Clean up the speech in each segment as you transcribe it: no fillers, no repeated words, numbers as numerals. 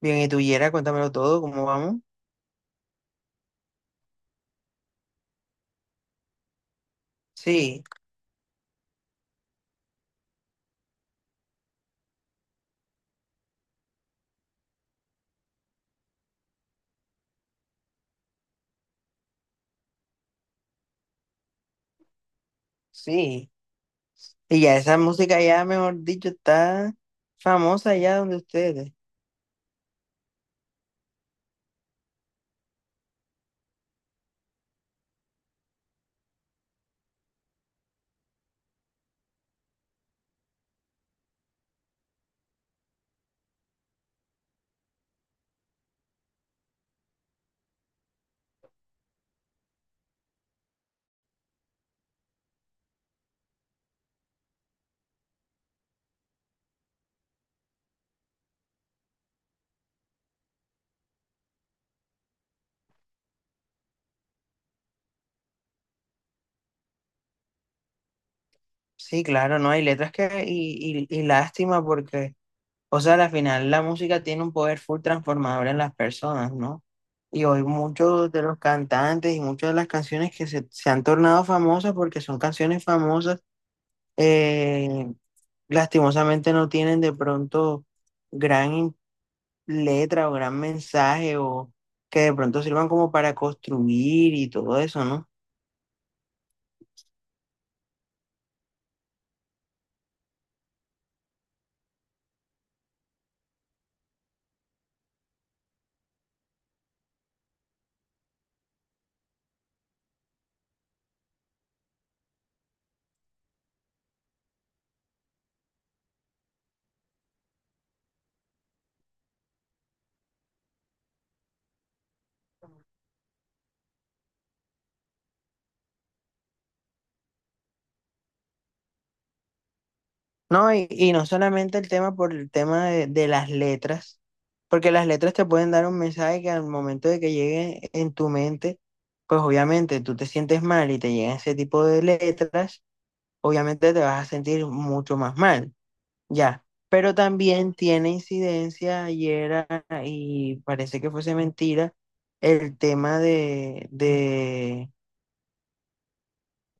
Bien, y tú, Yera, cuéntamelo todo, ¿cómo vamos? Sí, sí. Y ya esa música ya, mejor dicho, está famosa allá donde ustedes. Sí, claro, ¿no? Hay letras que, y lástima porque, o sea, al final la música tiene un poder full transformador en las personas, ¿no? Y hoy muchos de los cantantes y muchas de las canciones que se han tornado famosas porque son canciones famosas, eh, lastimosamente no tienen de pronto gran letra o gran mensaje o que de pronto sirvan como para construir y todo eso, ¿no? No, y no solamente el tema por el tema de las letras, porque las letras te pueden dar un mensaje que al momento de que llegue en tu mente, pues obviamente tú te sientes mal y te llegan ese tipo de letras, obviamente te vas a sentir mucho más mal, ya. Pero también tiene incidencia, ayer y parece que fuese mentira, el tema de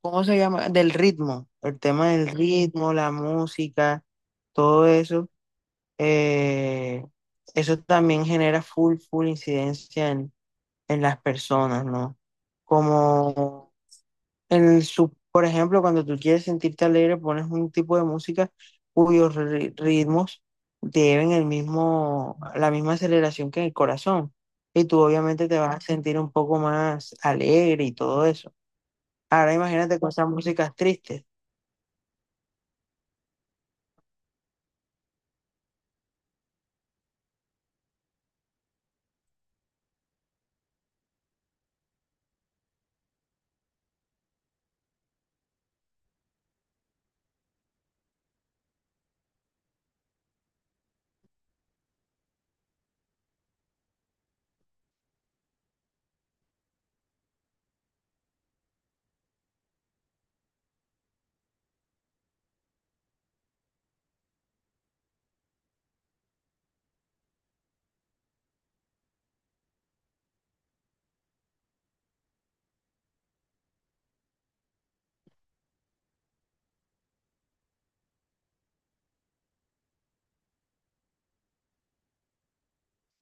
¿Cómo se llama? Del ritmo, el tema del ritmo, la música, todo eso. eh, Eso también genera full, full incidencia en las personas, ¿no? Como en su, por ejemplo, cuando tú quieres sentirte alegre, pones un tipo de música cuyos ritmos deben el mismo, la misma aceleración que el corazón. Y tú obviamente te vas a sentir un poco más alegre y todo eso. Ahora imagínate con esas músicas tristes.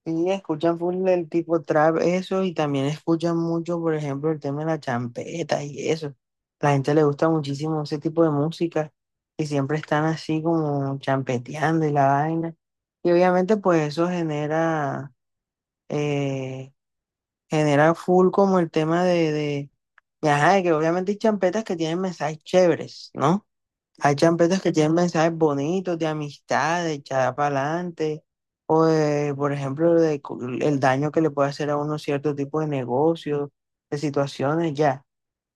Sí, escuchan full el tipo trap, eso, y también escuchan mucho, por ejemplo, el tema de la champeta y eso. La gente le gusta muchísimo ese tipo de música y siempre están así como champeteando y la vaina. Y obviamente pues eso genera, eh, genera full como el tema ajá, de que obviamente hay champetas que tienen mensajes chéveres, ¿no? Hay champetas que tienen mensajes bonitos, de amistad, de echar para adelante, o de, por ejemplo, de el daño que le puede hacer a uno cierto tipo de negocios, de situaciones, ya.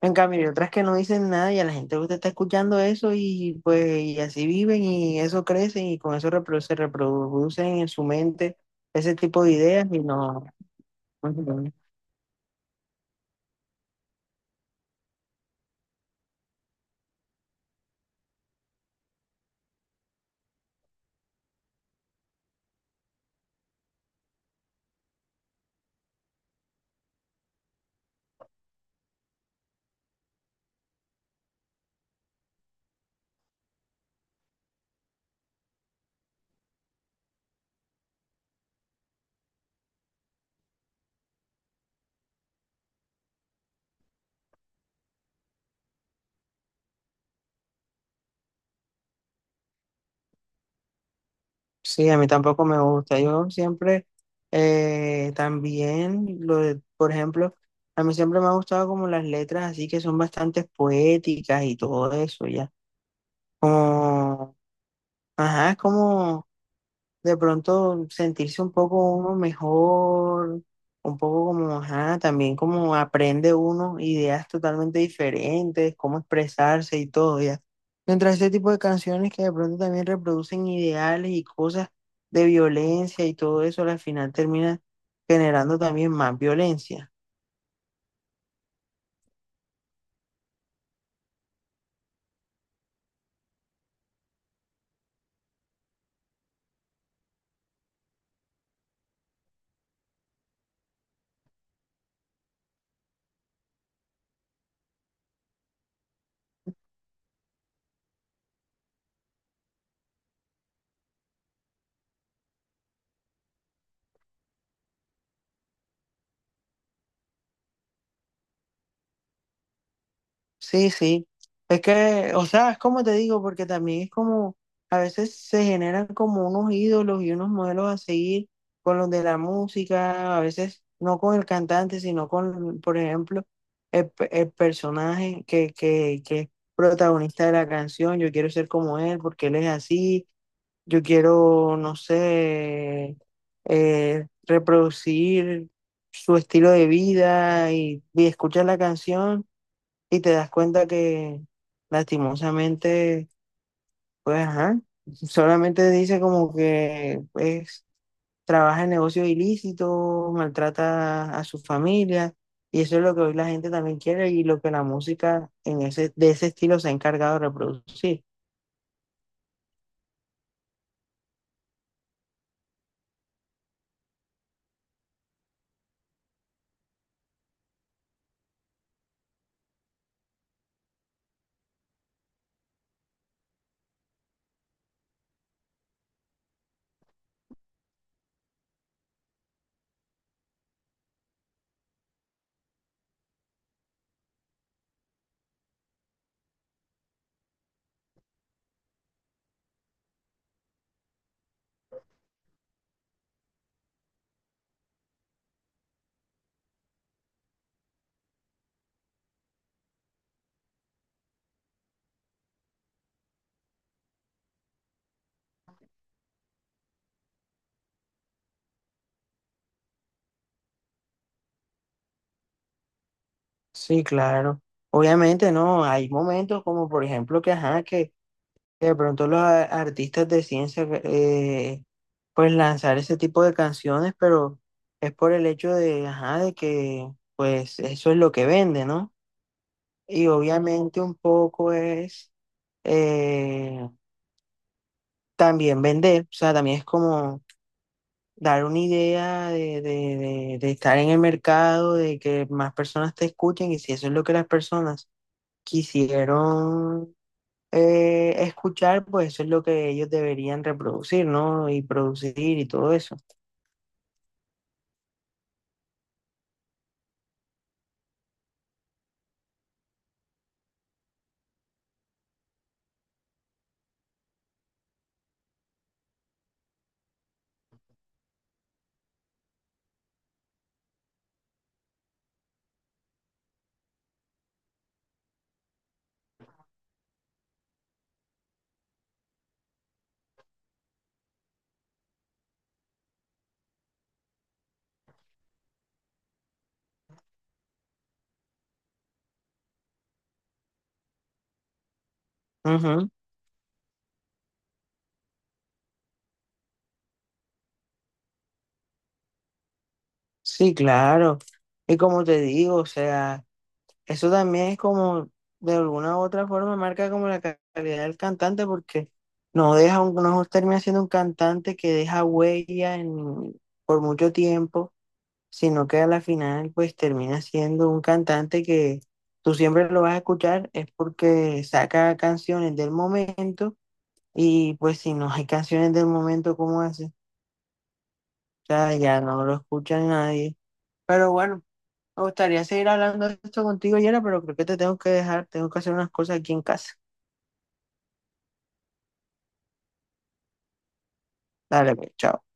En cambio, hay otras que no dicen nada y a la gente le gusta estar escuchando eso y pues y así viven y eso crecen y con eso se reproducen en su mente ese tipo de ideas y no. Sí, a mí tampoco me gusta. Yo siempre también, lo, por ejemplo, a mí siempre me ha gustado como las letras así que son bastante poéticas y todo eso, ya. Como, ajá, es como de pronto sentirse un poco uno mejor, un poco como, ajá, también como aprende uno ideas totalmente diferentes, cómo expresarse y todo, ya. Mientras ese tipo de canciones que de pronto también reproducen ideales y cosas de violencia y todo eso, al final termina generando también más violencia. Sí, sí. Es que, o sea, es como te digo, porque también es como, a veces se generan como unos ídolos y unos modelos a seguir con los de la música, a veces no con el cantante, sino con, por ejemplo, el, el personaje que es protagonista de la canción. Yo quiero ser como él porque él es así. Yo quiero, no sé, reproducir su estilo de vida y escuchar la canción y te das cuenta que lastimosamente, pues, ajá, solamente dice como que, pues, trabaja en negocios ilícitos, maltrata a su familia, y eso es lo que hoy la gente también quiere y lo que la música en ese, de ese estilo se ha encargado de reproducir. Sí, claro. Obviamente, no, hay momentos como, por ejemplo, que, ajá, que de pronto los artistas de ciencia pues lanzar ese tipo de canciones, pero es por el hecho de, ajá, de que pues eso es lo que vende, ¿no? Y obviamente un poco es eh, también vender, o sea, también es como dar una idea de estar en el mercado, de que más personas te escuchen y si eso es lo que las personas quisieron escuchar, pues eso es lo que ellos deberían reproducir, ¿no? Y producir y todo eso. Ujú. Sí, claro. Y como te digo, o sea, eso también es como, de alguna u otra forma, marca como la calidad del cantante porque no deja, un, no termina siendo un cantante que deja huella en, por mucho tiempo, sino que a la final, pues termina siendo un cantante que tú siempre lo vas a escuchar, es porque saca canciones del momento. Y pues si no hay canciones del momento como ese, o sea, ya no lo escucha nadie. Pero bueno, me gustaría seguir hablando de esto contigo, Yera, pero creo que te tengo que dejar, tengo que hacer unas cosas aquí en casa. Dale, pues, chao.